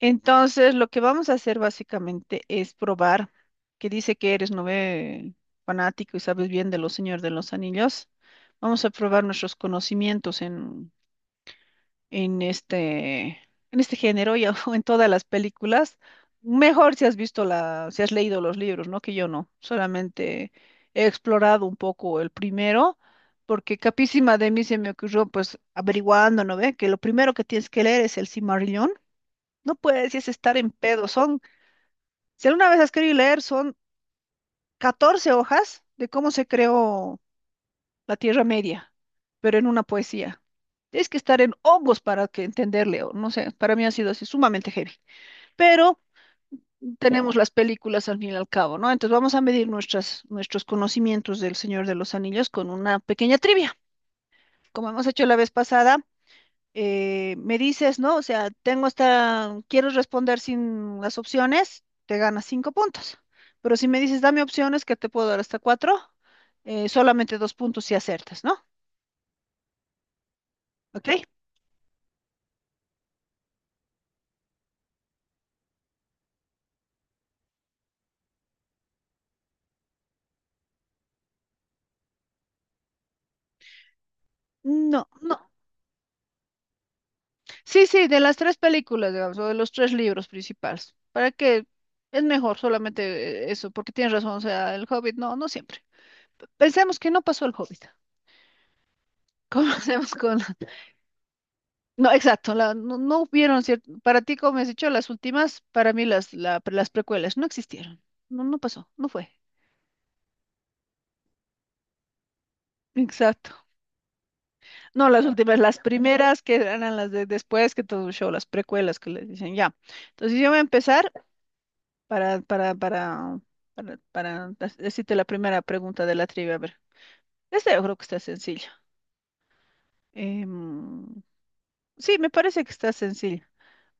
Entonces, lo que vamos a hacer básicamente es probar, que dice que eres nove fanático y sabes bien de los Señor de los Anillos. Vamos a probar nuestros conocimientos en este, en este género y o en todas las películas. Mejor si has visto la, si has leído los libros, ¿no? Que yo no. Solamente he explorado un poco el primero, porque capísima de mí se me ocurrió, pues, averiguando, ¿no ve? Que lo primero que tienes que leer es el Silmarillion no puedes, y es estar en pedo. Son, si alguna vez has querido leer, son 14 hojas de cómo se creó la Tierra Media, pero en una poesía. Tienes que estar en hongos para que entenderle, o no sé, para mí ha sido así sumamente heavy. Pero tenemos las películas al fin y al cabo, ¿no? Entonces vamos a medir nuestros conocimientos del Señor de los Anillos con una pequeña trivia, como hemos hecho la vez pasada, me dices, ¿no? O sea, tengo esta, quiero responder sin las opciones, te ganas cinco puntos. Pero si me dices, dame opciones, que te puedo dar hasta cuatro, solamente dos puntos si acertas, ¿no? ¿Ok? No, no. Sí, sí, de las tres películas, digamos, o de los tres libros principales. ¿Para que es mejor solamente eso, porque tienes razón, o sea, el Hobbit, no, no siempre. Pensemos que no pasó el Hobbit. Comencemos con no, exacto, no, no hubieron, cierto, para ti, como me has dicho, las últimas, para mí las precuelas no existieron, no, no pasó, no fue. Exacto. No, las últimas, las primeras que eran las de después que todo el show, las precuelas que les dicen ya. Entonces yo voy a empezar para, para, para, para decirte la primera pregunta de la trivia. A ver, esta yo creo que está sencilla. Em, sí, me parece que está sencilla.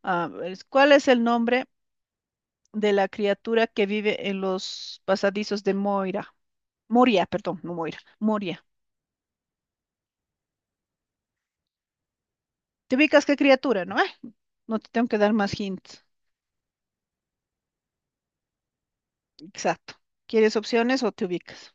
A ver, ¿cuál es el nombre de la criatura que vive en los pasadizos de Moira? Moria, perdón, no Moira, Moria. ¿Te ubicas qué criatura, no? No te tengo que dar más hints. Exacto. ¿Quieres opciones o te ubicas?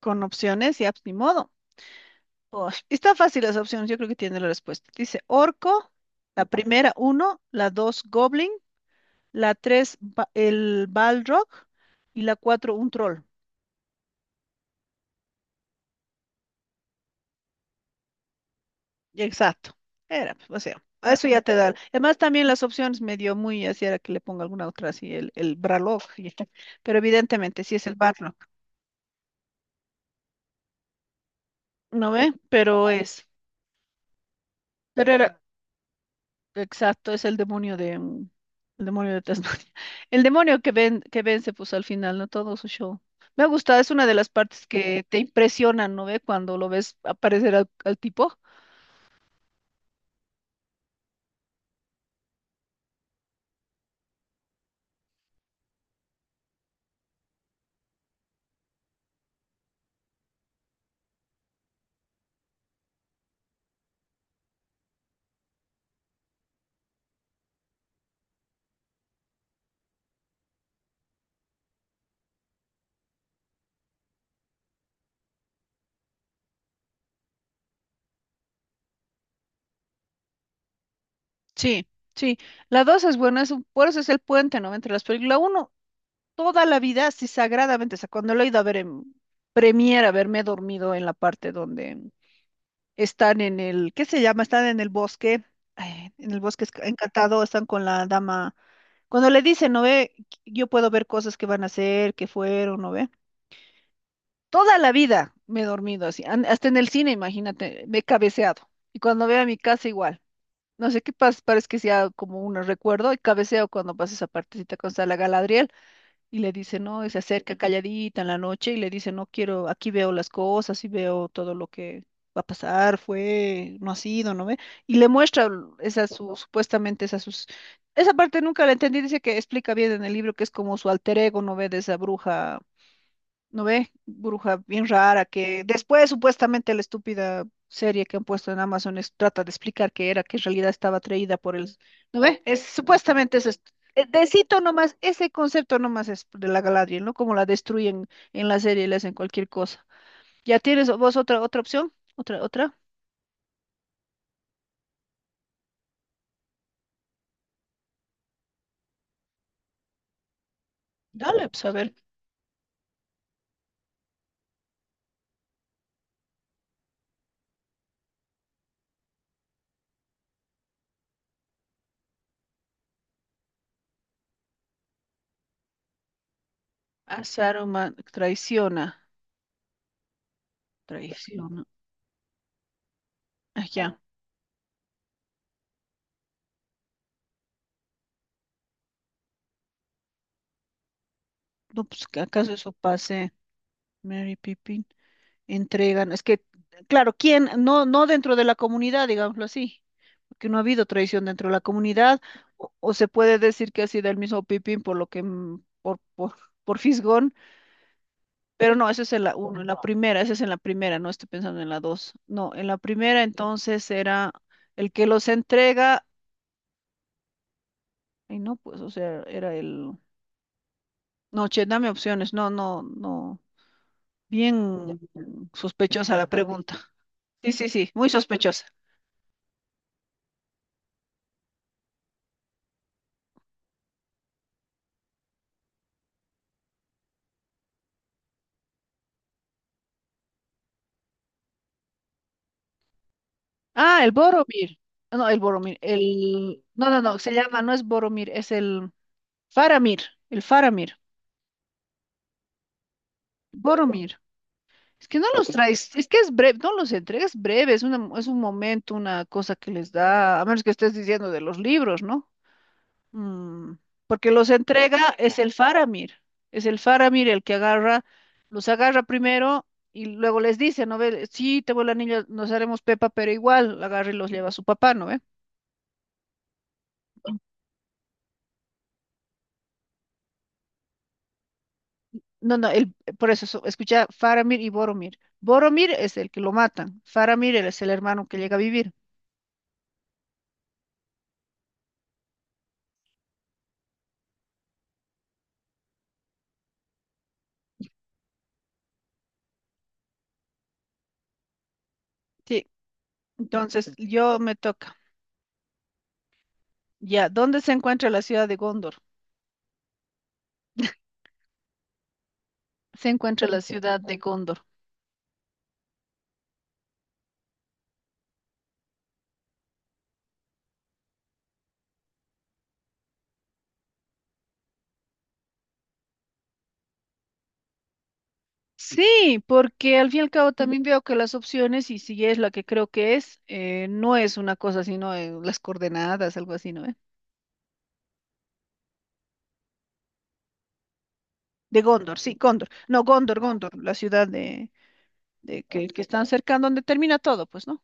Con opciones, ya, pues, ni modo. Oh, está fácil las opciones, yo creo que tiene la respuesta. Dice orco, la primera uno, la dos goblin, la tres el balrog y la cuatro un troll. Exacto. Era, pues, o sea, a ah, eso ya te da. Además, también las opciones me dio muy así, era que le ponga alguna otra así, el Bralog, y- pero evidentemente sí es el Barlog, ¿no ve? Pero es, pero era, exacto, es el demonio de, el demonio de Tasmania. El demonio que ven, que vence, pues al final, ¿no? Todo su show. Me ha gustado, es una de las partes que te impresionan, ¿no ve? Cuando lo ves aparecer al tipo. Sí, sí. La dos es buena, es un- por eso es el puente, ¿no? Entre las películas. La uno toda la vida, así sagradamente, o sea, cuando lo he ido a ver en Premiere, haberme dormido en la parte donde están en el, ¿qué se llama? Están en el bosque, ay, en el bosque encantado, están con la dama. Cuando le dicen, ¿no ve? Yo puedo ver cosas que van a hacer, que fueron, ¿no ve? Toda la vida me he dormido así, hasta en el cine, imagínate, me he cabeceado. Y cuando veo a mi casa igual. No sé qué pasa, parece que sea como un recuerdo y cabeceo cuando pasa esa partecita con está la Galadriel y le dice, no, y se acerca calladita en la noche y le dice, no quiero, aquí veo las cosas y veo todo lo que va a pasar, fue, no ha sido, ¿no ve? Y le muestra esa su, supuestamente esa sus, esa parte nunca la entendí, dice que explica bien en el libro que es como su alter ego, ¿no ve? De esa bruja. ¿No ve? Bruja bien rara que después supuestamente la estúpida serie que han puesto en Amazon trata de explicar qué era, que en realidad estaba atraída por el... ¿No ve? Es, supuestamente es... decito nomás, ese concepto nomás es de la Galadriel, ¿no? Como la destruyen en la serie y le hacen cualquier cosa. ¿Ya tienes vos otra, otra opción? ¿Otra, otra? Dale, pues a ver. A Saruman traiciona, traiciona. Ah, ya. No, pues que acaso eso pase. Mary Pippin. Entregan, es que, claro, ¿quién? No, no dentro de la comunidad, digámoslo así, porque no ha habido traición dentro de la comunidad, o se puede decir que ha sido el mismo Pipín por lo que, por fisgón, pero no, esa es en la uno, en la primera, esa es en la primera, no estoy pensando en la dos, no, en la primera entonces era el que los entrega, y no, pues, o sea, era el, no, che, dame opciones, no, no, no, bien, sospechosa la pregunta, sí, sí, sí, muy sospechosa. Ah, el Boromir. Ah, no, el Boromir. El... No, no, no, se llama, no es Boromir, es el Faramir. El Faramir. Boromir. Es que no los traes, es que es breve, no los entregas breve, es, una, es un momento, una cosa que les da, a menos que estés diciendo de los libros, ¿no? Mm, porque los entrega es el Faramir. Es el Faramir el que agarra, los agarra primero y luego les dice, ¿no ve? Sí, te voy el anillo, nos haremos Pepa, pero igual agarra y los lleva a su papá, ¿no ve? No, no, el, por eso, escucha, Faramir y Boromir. Boromir es el que lo matan, Faramir es el hermano que llega a vivir. Sí. Entonces, yo me toca. Ya, ¿dónde se encuentra la ciudad de Gondor? Se encuentra la ciudad de Gondor. Sí, porque al fin y al cabo también veo que las opciones, y si es la que creo que es, no es una cosa, sino las coordenadas, algo así, ¿no? ¿Eh? De Gondor, sí, Gondor. No, Gondor, Gondor, la ciudad de que están cerca, donde termina todo, pues, ¿no?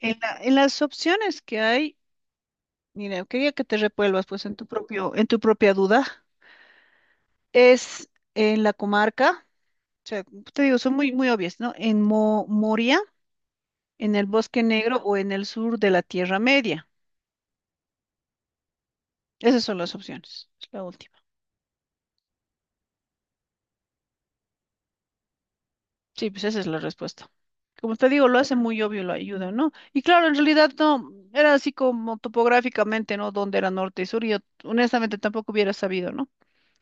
En en las opciones que hay. Mira, quería que te revuelvas pues en tu propio, en tu propia duda. Es en la comarca, o sea, te digo, son muy, muy obvias, ¿no? En Moria, en el Bosque Negro o en el sur de la Tierra Media. Esas son las opciones. Es la última. Sí, pues esa es la respuesta. Como te digo, lo hace muy obvio, lo ayuda, ¿no? Y claro, en realidad no, era así como topográficamente, ¿no? Donde era norte y sur, y yo honestamente tampoco hubiera sabido, ¿no?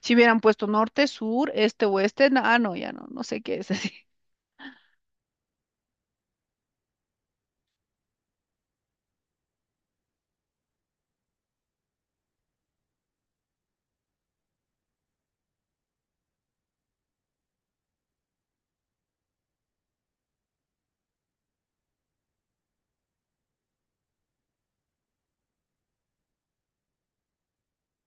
Si hubieran puesto norte, sur, este, oeste, ah, no, ya no, no sé qué es así.